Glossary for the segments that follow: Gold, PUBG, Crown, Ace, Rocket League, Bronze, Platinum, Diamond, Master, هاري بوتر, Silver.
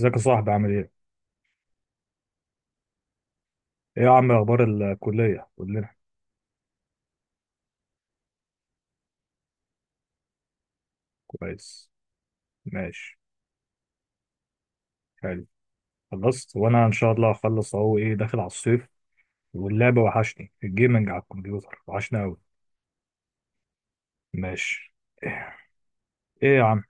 ازيك يا صاحبي عامل ايه؟ ايه يا عم اخبار الكلية؟ قول لنا. كويس. ماشي. حلو. خلصت، وانا ان شاء الله هخلص اهو، ايه داخل على الصيف. واللعب وحشني، الجيمنج على الكمبيوتر وحشني قوي. ماشي. ايه يا عم،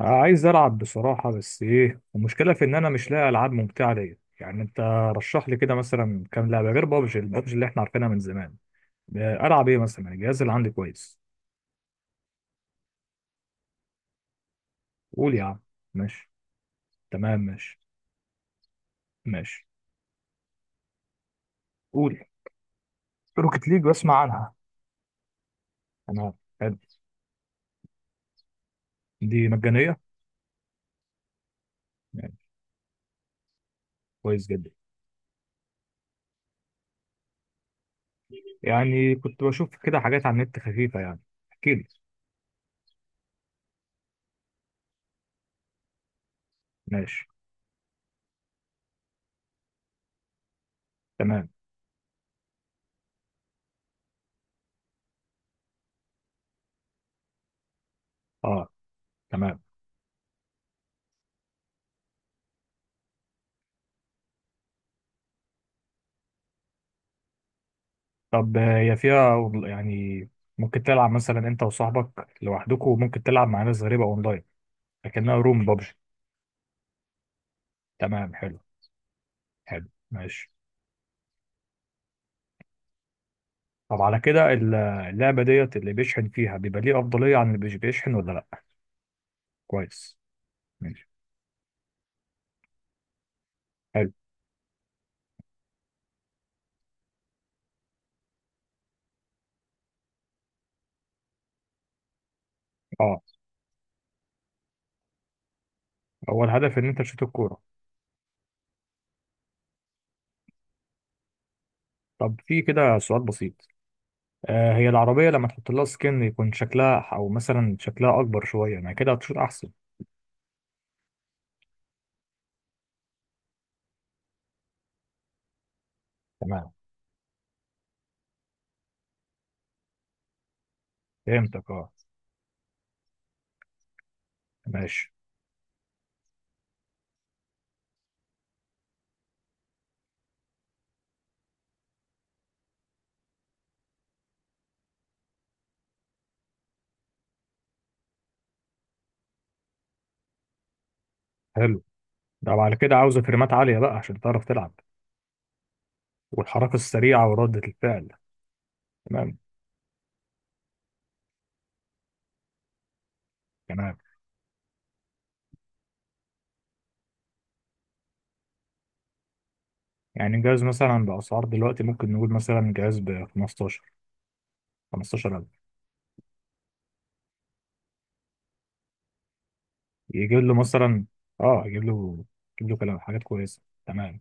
عايز العب بصراحة، بس ايه المشكلة في ان انا مش لاقي العاب ممتعة ليا يعني. انت رشح لي كده مثلا كام لعبة غير بابجي، البابجي اللي احنا عارفينها من زمان. العب ايه مثلا؟ الجهاز اللي عندي كويس. قول يا عم. ماشي. تمام ماشي. ماشي. قول. روكيت ليج، بسمع عنها. تمام. حلو. دي مجانية؟ يعني كويس جدا. يعني كنت بشوف كده حاجات على النت خفيفة يعني، احكي لي. ماشي. تمام. اه. تمام. طب هي فيها يعني ممكن تلعب مثلا انت وصاحبك لوحدكم، وممكن تلعب مع ناس غريبة اونلاين، لكنها روم بابجي؟ تمام حلو. حلو ماشي. طب على كده اللعبة ديت اللي بيشحن فيها بيبقى ليه أفضلية عن اللي مش بيشحن، ولا لأ؟ كويس. ماشي. حلو. اه هو الهدف ان انت تشوت الكورة؟ طب في كده سؤال بسيط. هي العربية لما تحط لها سكن يكون شكلها أو مثلا شكلها أكبر شوية، يعني كده هتشوط أحسن؟ تمام. فهمتك أه. ماشي حلو. ده بعد كده عاوزة فريمات عالية بقى عشان تعرف تلعب، والحركة السريعة وردة الفعل. تمام. تمام. يعني جهاز مثلا بأسعار دلوقتي ممكن نقول مثلا جهاز ب 15 15,000. يجيب له مثلا يجيب له، يجيب له كلام، حاجات كويسة. تمام.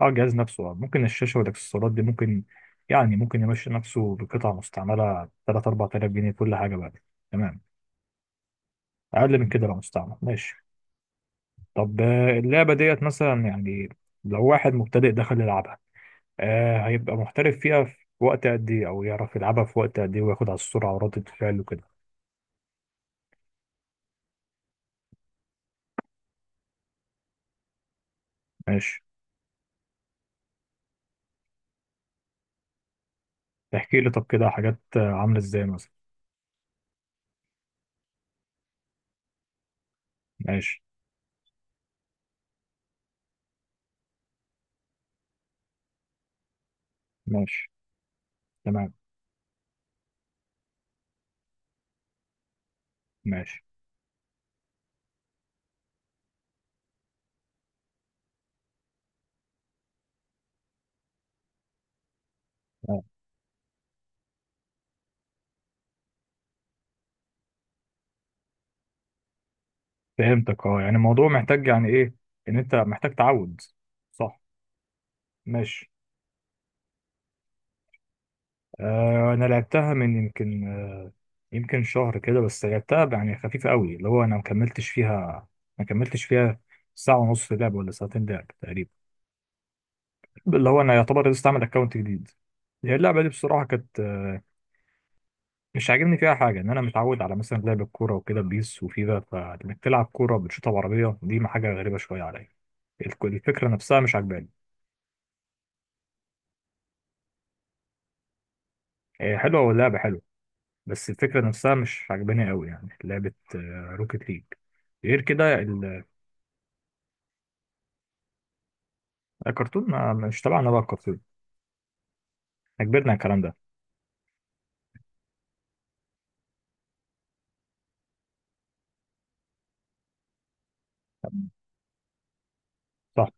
اه الجهاز نفسه. ممكن الشاشة والاكسسوارات دي، ممكن يعني، ممكن يمشي نفسه بقطع مستعملة 3 4000 جنيه كل حاجة بقى. تمام. أقل من كده لو مستعمل، ماشي. طب اللعبة ديت مثلا، يعني لو واحد مبتدئ دخل يلعبها، هيبقى محترف فيها في وقت قد إيه؟ أو يعرف يلعبها في وقت قد إيه وياخد على السرعة وردة الفعل وكده؟ ماشي. تحكي لي طب كده حاجات عاملة إزاي مثلا. ماشي. ماشي. تمام ماشي. آه، فهمتك اه، يعني الموضوع محتاج يعني إيه، إن أنت محتاج تعود؟ صح. ماشي. انا لعبتها من يمكن يمكن شهر كده بس، لعبتها يعني خفيفه قوي، اللي هو انا ما كملتش فيها. ما كملتش فيها ساعه ونص لعب ولا ساعتين لعب تقريبا. اللي هو انا يعتبر لسه عامل اكونت جديد. هي اللعبه دي بصراحه كانت مش عاجبني فيها حاجه. ان انا متعود على مثلا لعب الكوره وكده، بيس وفيفا، فانك تلعب كوره بتشوطها بعربيه دي ما حاجه غريبه شويه عليا. الفكره نفسها مش عجباني. هي حلوه، واللعبه حلوه، بس الفكرة نفسها مش عجباني قوي. يعني لعبة روكيت ليج. غير كده الكرتون ما مش تبعنا بقى الكرتون، احنا كبرنا على الكلام ده. صح.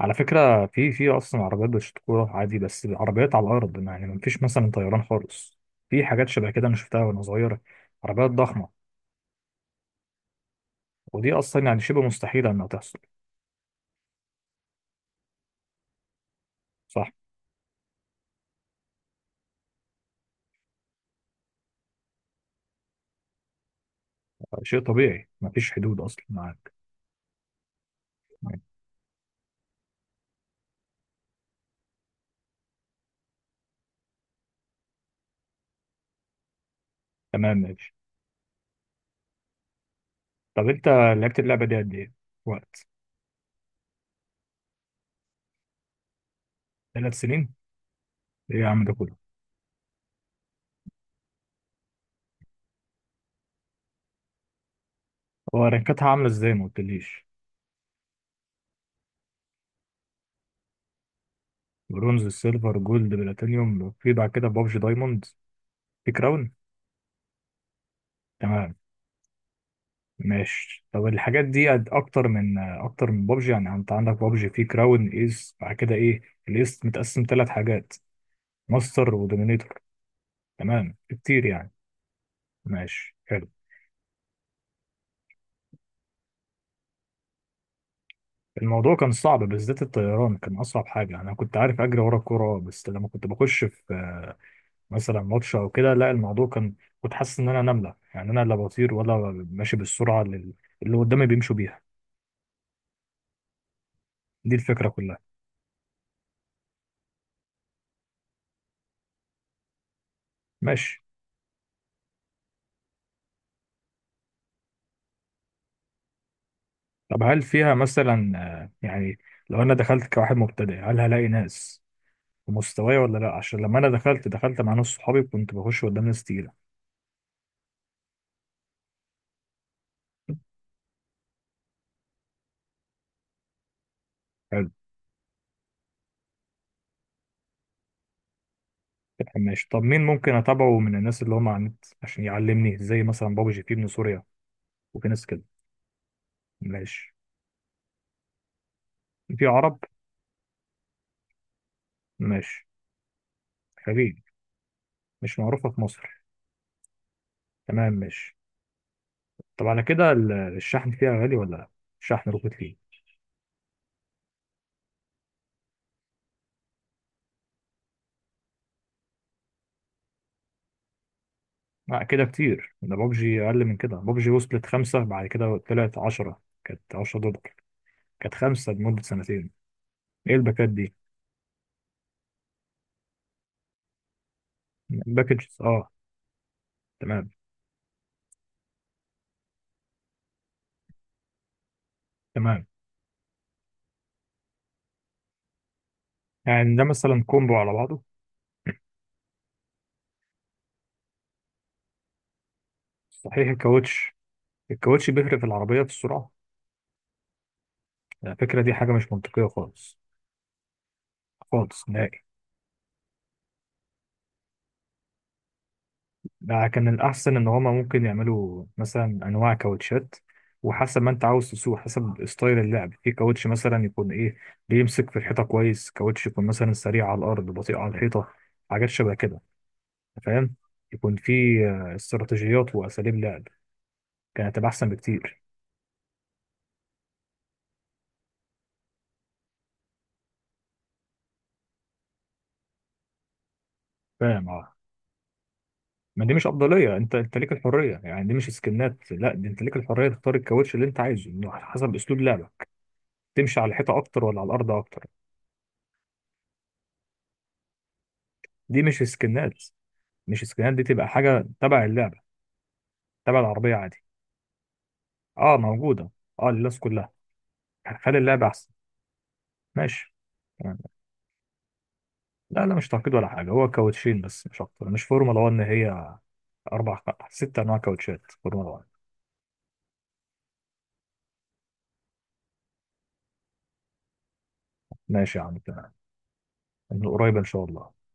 على فكرة في أصلا عربيات بالشطورة عادي، بس العربيات على الأرض، يعني مفيش مثلا طيران خالص. في حاجات شبه كده أنا شفتها وأنا صغير، عربيات ضخمة، ودي أصلا يعني شبه مستحيلة إنها تحصل. صح. شيء طبيعي مفيش حدود أصلا، معاك. تمام ماشي. طب أنت لعبت اللعبة دي قد إيه؟ وقت؟ 3 سنين؟ إيه يا عم ده كله؟ هو رانكاتها عاملة ازاي، ما قلتليش. برونز، سيلفر، جولد، بلاتينيوم، في بعد كده بابجي دايموند، في كراون. تمام ماشي. طب الحاجات دي اكتر من بابجي يعني؟ انت عندك بابجي في كراون، ايس، بعد كده ايه؟ الايس متقسم ثلاث حاجات، ماستر ودومينيتور. تمام، كتير يعني. ماشي حلو. الموضوع كان صعب، بالذات الطيران كان اصعب حاجه. انا كنت عارف اجري ورا الكوره، بس لما كنت بخش في مثلا ماتش او كده، لا الموضوع كان، كنت حاسس ان انا نمله يعني. انا لا بطير ولا ماشي بالسرعه اللي قدامي بيمشوا بيها. دي الفكره كلها. ماشي. طب هل فيها مثلا يعني لو انا دخلت كواحد مبتدئ هل هلاقي ناس في مستواي، ولا لا؟ عشان لما انا دخلت مع ناس صحابي كنت بخش قدام ناس تقيله. حلو ماشي. طب مين ممكن اتابعه من الناس اللي هم على النت عشان يعلمني، زي مثلا بابجي في من سوريا وفي ناس كده؟ ماشي. في عرب؟ ماشي. خليج. مش معروفه في مصر. تمام ماشي. طب على كده الشحن فيها غالي ولا لا؟ الشحن روكيت ليج. لا كده كتير، ده بابجي أقل من كده. بابجي وصلت خمسة، بعد كده طلعت 10، كانت 10 دولار. كانت خمسة لمدة سنتين. إيه الباكات دي؟ باكجز آه. تمام. تمام. يعني ده مثلا كومبو على بعضه؟ صحيح، الكاوتش. الكاوتش بيفرق في العربية في السرعة؟ الفكرة دي حاجة مش منطقية خالص، خالص نهائي. لا، كان الأحسن إن هما ممكن يعملوا مثلا أنواع كاوتشات، وحسب ما أنت عاوز تسوق، حسب ستايل اللعب. في كاوتش مثلا يكون إيه، بيمسك في الحيطة كويس، كاوتش يكون مثلا سريع على الأرض بطيء على الحيطة، حاجات شبه كده، فاهم؟ يكون في استراتيجيات وأساليب لعب، كانت هتبقى أحسن بكتير. فاهم أه. ما دي مش أفضلية، أنت ليك الحرية يعني. دي مش سكنات، لا، دي أنت ليك الحرية تختار الكاوتش اللي أنت عايزه، إنه حسب أسلوب لعبك، تمشي على الحيطة أكتر ولا على الأرض أكتر. دي مش سكنات. مش سكنات دي، تبقى حاجه تبع اللعبه، تبع العربيه عادي. اه موجوده. اه للناس كلها. هنخلي اللعبه احسن. ماشي تمام. لا لا، مش تعقيد ولا حاجه، هو كاوتشين بس مش اكتر، مش فورمولا 1 هي. اربع، ست انواع كاوتشات فورمولا 1. ماشي يا عم تمام. من قريب ان شاء الله.